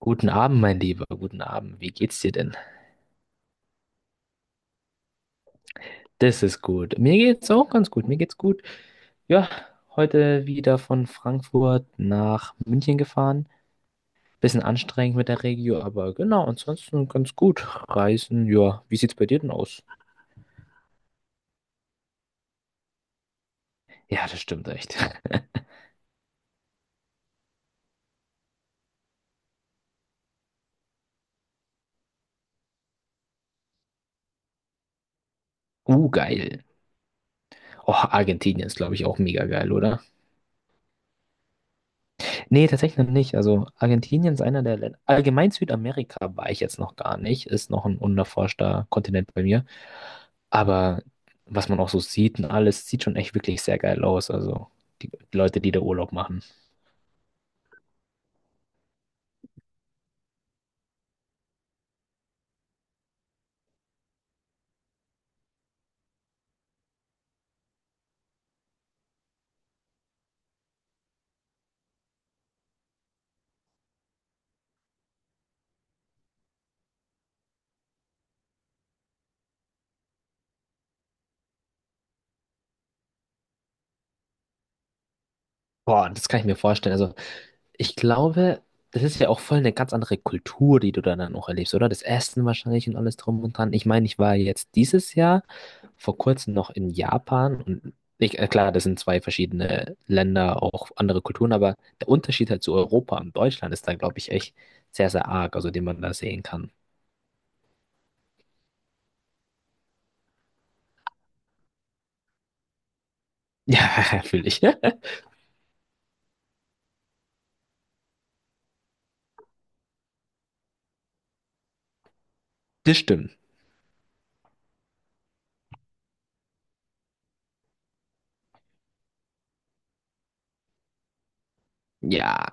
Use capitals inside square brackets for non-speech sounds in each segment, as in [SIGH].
Guten Abend, mein Lieber. Guten Abend. Wie geht's dir denn? Das ist gut. Mir geht's auch ganz gut. Mir geht's gut. Ja, heute wieder von Frankfurt nach München gefahren. Bisschen anstrengend mit der Regio, aber genau, ansonsten ganz gut. Reisen, ja. Wie sieht's bei dir denn aus? Ja, das stimmt echt. [LAUGHS] Geil. Oh, Argentinien ist, glaube ich, auch mega geil, oder? Nee, tatsächlich noch nicht. Also Argentinien ist einer der Länder. Allgemein Südamerika war ich jetzt noch gar nicht. Ist noch ein unerforschter Kontinent bei mir. Aber was man auch so sieht und alles, sieht schon echt wirklich sehr geil aus. Also die Leute, die da Urlaub machen. Boah, das kann ich mir vorstellen. Also ich glaube, das ist ja auch voll eine ganz andere Kultur, die du da dann auch erlebst, oder? Das Essen wahrscheinlich und alles drum und dran. Ich meine, ich war jetzt dieses Jahr vor kurzem noch in Japan und ich, klar, das sind zwei verschiedene Länder, auch andere Kulturen, aber der Unterschied halt zu Europa und Deutschland ist da, glaube ich, echt sehr, sehr arg, also den man da sehen kann. [LAUGHS] Ja, fühle ich. [LAUGHS] Das stimmt. Ja.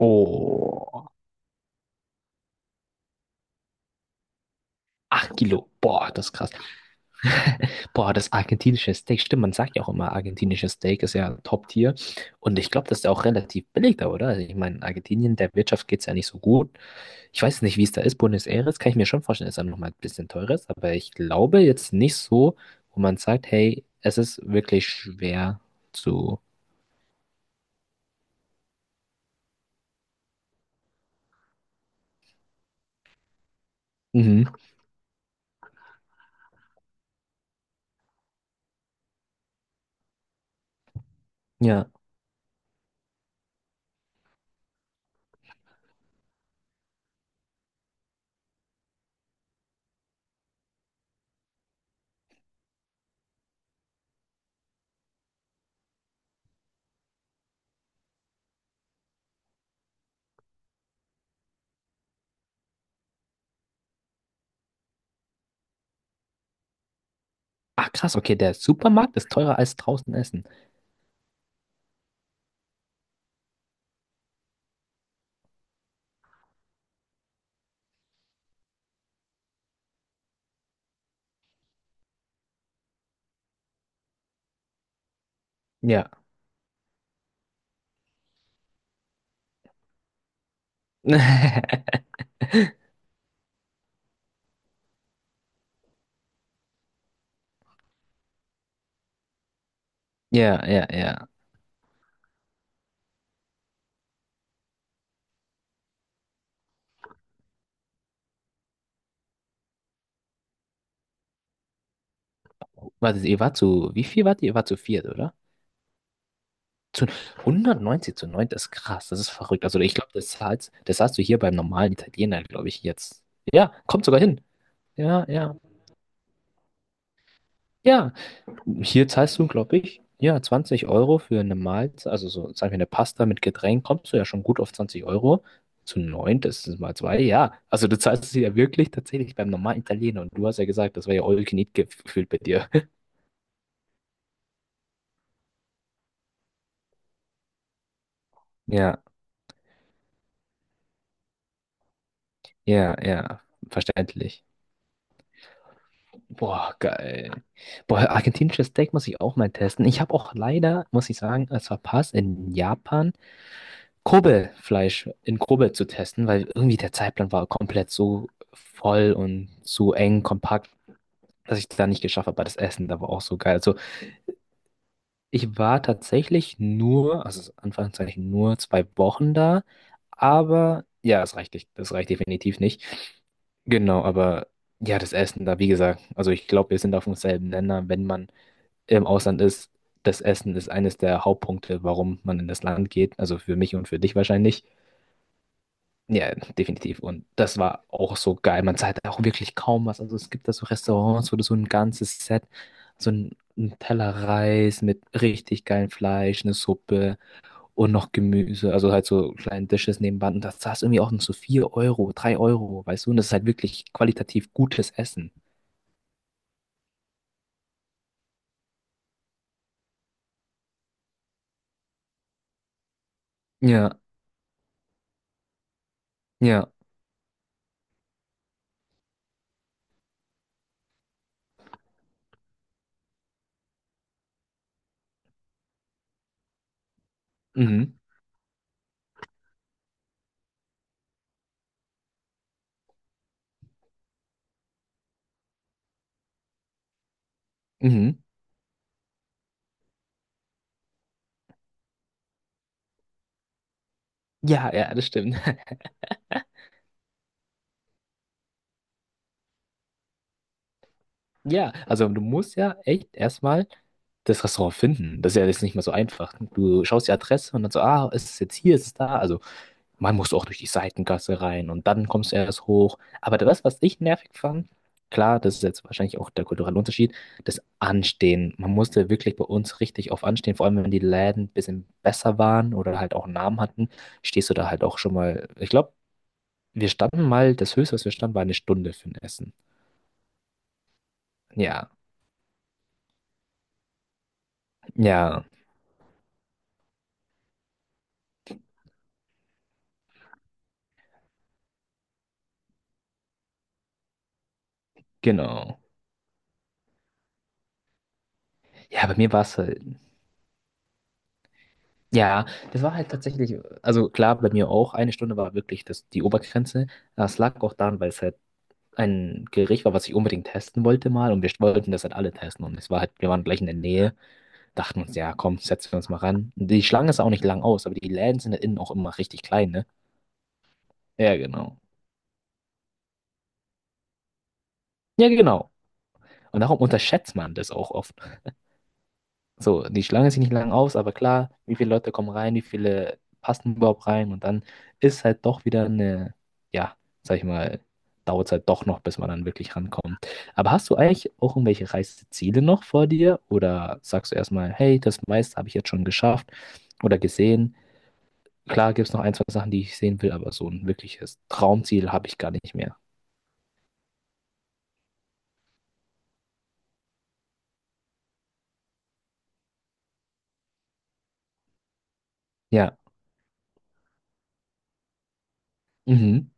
Oh, 8 Kilo. Boah, das ist krass. Boah, das argentinische Steak, stimmt, man sagt ja auch immer, argentinisches Steak ist ja Top-Tier. Und ich glaube, das ist ja auch relativ billig da, oder? Also ich meine, Argentinien, der Wirtschaft geht es ja nicht so gut. Ich weiß nicht, wie es da ist. Buenos Aires kann ich mir schon vorstellen, ist dann nochmal ein bisschen teurer, ist, aber ich glaube jetzt nicht so, wo man sagt, hey, es ist wirklich schwer zu. Mhm. Ja. Ach krass, okay, der Supermarkt ist teurer als draußen essen. Ja. [LAUGHS] Ja, ja, ja. Warte, ihr wart zu, wie viel wart ihr? Ihr wart zu viert, oder? 190 zu 9, das ist krass, das ist verrückt. Also ich glaube, das zahlst du hier beim normalen Italiener, glaube ich, jetzt. Ja, kommt sogar hin. Ja, ja, ja. Hier zahlst du, glaube ich, ja, 20 € für eine Mahlzeit, also so, sagen wir, eine Pasta mit Getränk, kommst du ja schon gut auf 20 Euro. Zu 9, das ist mal 2. Ja. Also du zahlst es ja wirklich tatsächlich beim normalen Italiener. Und du hast ja gesagt, das war ja all you can eat gefühlt bei dir. [LAUGHS] Ja, ja, ja, verständlich. Boah, geil. Boah, argentinisches Steak muss ich auch mal testen. Ich habe auch leider, muss ich sagen, es verpasst, in Japan Kobe-Fleisch in Kobe zu testen, weil irgendwie der Zeitplan war komplett so voll und so eng, kompakt, dass ich da nicht geschafft habe. Aber das Essen da war auch so geil. Also ich war tatsächlich nur, also Anführungszeichen nur 2 Wochen da, aber ja, es reicht nicht. Das reicht definitiv nicht. Genau, aber ja, das Essen da, wie gesagt, also ich glaube, wir sind auf demselben Nenner, wenn man im Ausland ist, das Essen ist eines der Hauptpunkte, warum man in das Land geht. Also für mich und für dich wahrscheinlich. Ja, definitiv. Und das war auch so geil. Man zahlt auch wirklich kaum was. Also es gibt da so Restaurants, wo du so ein ganzes Set, so ein Teller Reis mit richtig geilem Fleisch, eine Suppe und noch Gemüse. Also halt so kleine Dishes nebenbei. Und das zahlst du irgendwie auch noch so 4 Euro, 3 Euro, weißt du? Und das ist halt wirklich qualitativ gutes Essen. Ja, ja. Mhm. Mhm. Ja, ja, das stimmt. Ja, also du musst ja echt erstmal das Restaurant finden. Das ist ja jetzt nicht mehr so einfach. Du schaust die Adresse und dann so, ah, ist es jetzt hier, ist es da? Also man muss auch durch die Seitengasse rein und dann kommst du erst hoch. Aber das, was ich nervig fand, klar, das ist jetzt wahrscheinlich auch der kulturelle Unterschied, das Anstehen. Man musste wirklich bei uns richtig auf Anstehen, vor allem wenn die Läden ein bisschen besser waren oder halt auch einen Namen hatten, stehst du da halt auch schon mal. Ich glaube, wir standen mal, das Höchste, was wir standen, war eine Stunde für ein Essen. Ja, ja, genau. Ja, bei mir war es halt, ja, das war halt tatsächlich, also klar, bei mir auch, eine Stunde war wirklich das, die Obergrenze. Das lag auch daran, weil es halt ein Gericht war, was ich unbedingt testen wollte mal und wir wollten das halt alle testen und es war halt, wir waren gleich in der Nähe, dachten uns, ja, komm, setzen wir uns mal ran. Und die Schlange ist auch nicht lang aus, aber die Läden sind halt innen auch immer richtig klein, ne? Ja, genau. Ja, genau. Und darum unterschätzt man das auch oft. So, die Schlange sieht nicht lang aus, aber klar, wie viele Leute kommen rein, wie viele passen überhaupt rein und dann ist halt doch wieder eine, ja, sag ich mal, dauert es halt doch noch, bis man dann wirklich rankommt. Aber hast du eigentlich auch irgendwelche Reiseziele noch vor dir oder sagst du erstmal, hey, das meiste habe ich jetzt schon geschafft oder gesehen? Klar gibt es noch ein, zwei Sachen, die ich sehen will, aber so ein wirkliches Traumziel habe ich gar nicht mehr. Ja, mhm.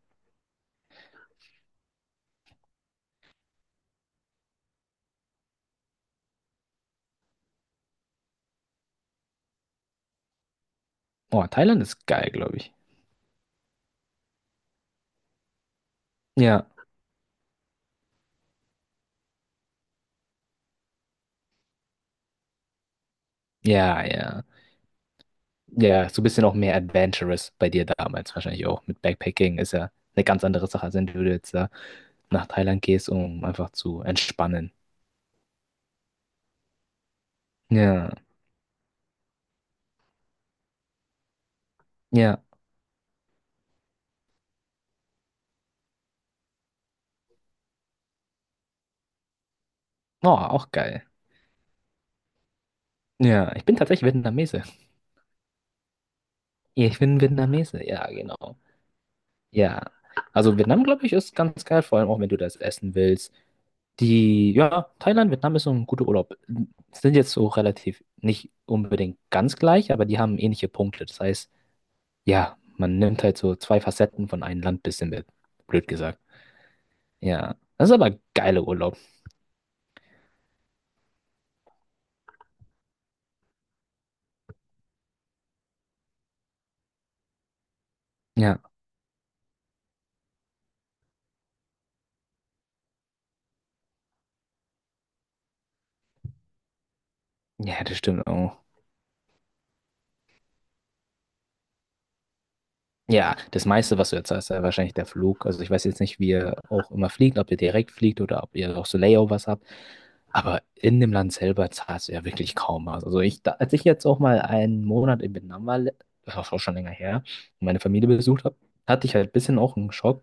Oh, Thailand ist geil, glaube ich. Ja, ja, ja. Ja, so ein bisschen auch mehr adventurous bei dir damals wahrscheinlich auch. Mit Backpacking ist ja eine ganz andere Sache, als wenn du jetzt da nach Thailand gehst, um einfach zu entspannen. Ja, ja. Oh, auch geil. Ja, ich bin tatsächlich Vietnamese. Ja, ich bin Vietnamese. Ja, genau. Ja. Also Vietnam, glaube ich, ist ganz geil, vor allem auch, wenn du das essen willst. Ja, Thailand, Vietnam ist so ein guter Urlaub. Sind jetzt so relativ nicht unbedingt ganz gleich, aber die haben ähnliche Punkte. Das heißt, ja, man nimmt halt so zwei Facetten von einem Land bisschen mit. Blöd gesagt. Ja, das ist aber geiler Urlaub. Ja, ja, das stimmt auch. Ja, das meiste, was du jetzt hast, ist ja wahrscheinlich der Flug. Also ich weiß jetzt nicht, wie ihr auch immer fliegt, ob ihr direkt fliegt oder ob ihr auch so Layovers habt. Aber in dem Land selber zahlst du ja wirklich kaum was. Also ich, als ich jetzt auch mal einen Monat in Vietnam war, das war auch schon länger her, und meine Familie besucht habe, hatte ich halt ein bisschen auch einen Schock,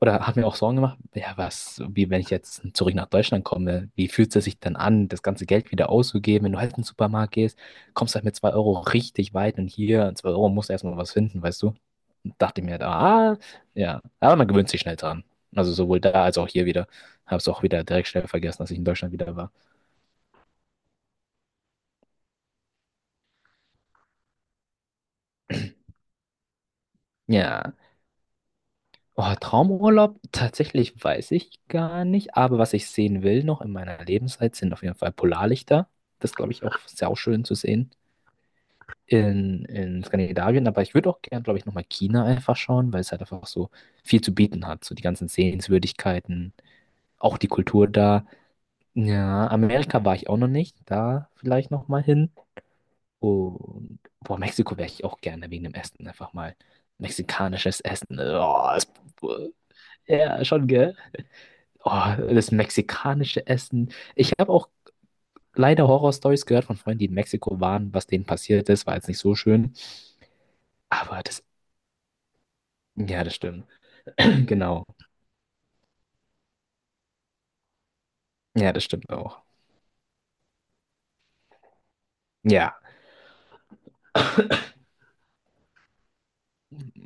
oder hat mir auch Sorgen gemacht, ja, was, wie wenn ich jetzt zurück nach Deutschland komme, wie fühlt es sich dann an, das ganze Geld wieder auszugeben? Wenn du halt in den Supermarkt gehst, kommst halt mit 2 € richtig weit und hier, 2 € musst du erstmal was finden, weißt du? Und dachte mir halt, ah, ja, aber man gewöhnt sich schnell dran. Also sowohl da als auch hier wieder. Hab's auch wieder direkt schnell vergessen, dass ich in Deutschland wieder war. Ja. Oh, Traumurlaub, tatsächlich weiß ich gar nicht, aber was ich sehen will noch in meiner Lebenszeit sind auf jeden Fall Polarlichter. Das glaube ich auch sehr schön zu sehen in Skandinavien, aber ich würde auch gern, glaube ich, nochmal China einfach schauen, weil es halt einfach so viel zu bieten hat. So die ganzen Sehenswürdigkeiten, auch die Kultur da. Ja, Amerika war ich auch noch nicht, da vielleicht nochmal hin. Und boah, Mexiko wäre ich auch gerne wegen dem Essen einfach mal. Mexikanisches Essen. Oh, das, ja, schon, gell? Oh, das mexikanische Essen. Ich habe auch leider Horror-Stories gehört von Freunden, die in Mexiko waren, was denen passiert ist, war jetzt nicht so schön. Aber das, ja, das stimmt. Genau. Ja, das stimmt auch. Ja,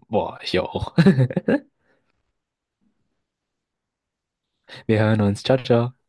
boah, ich auch. [LAUGHS] Wir hören uns. Ciao, ciao.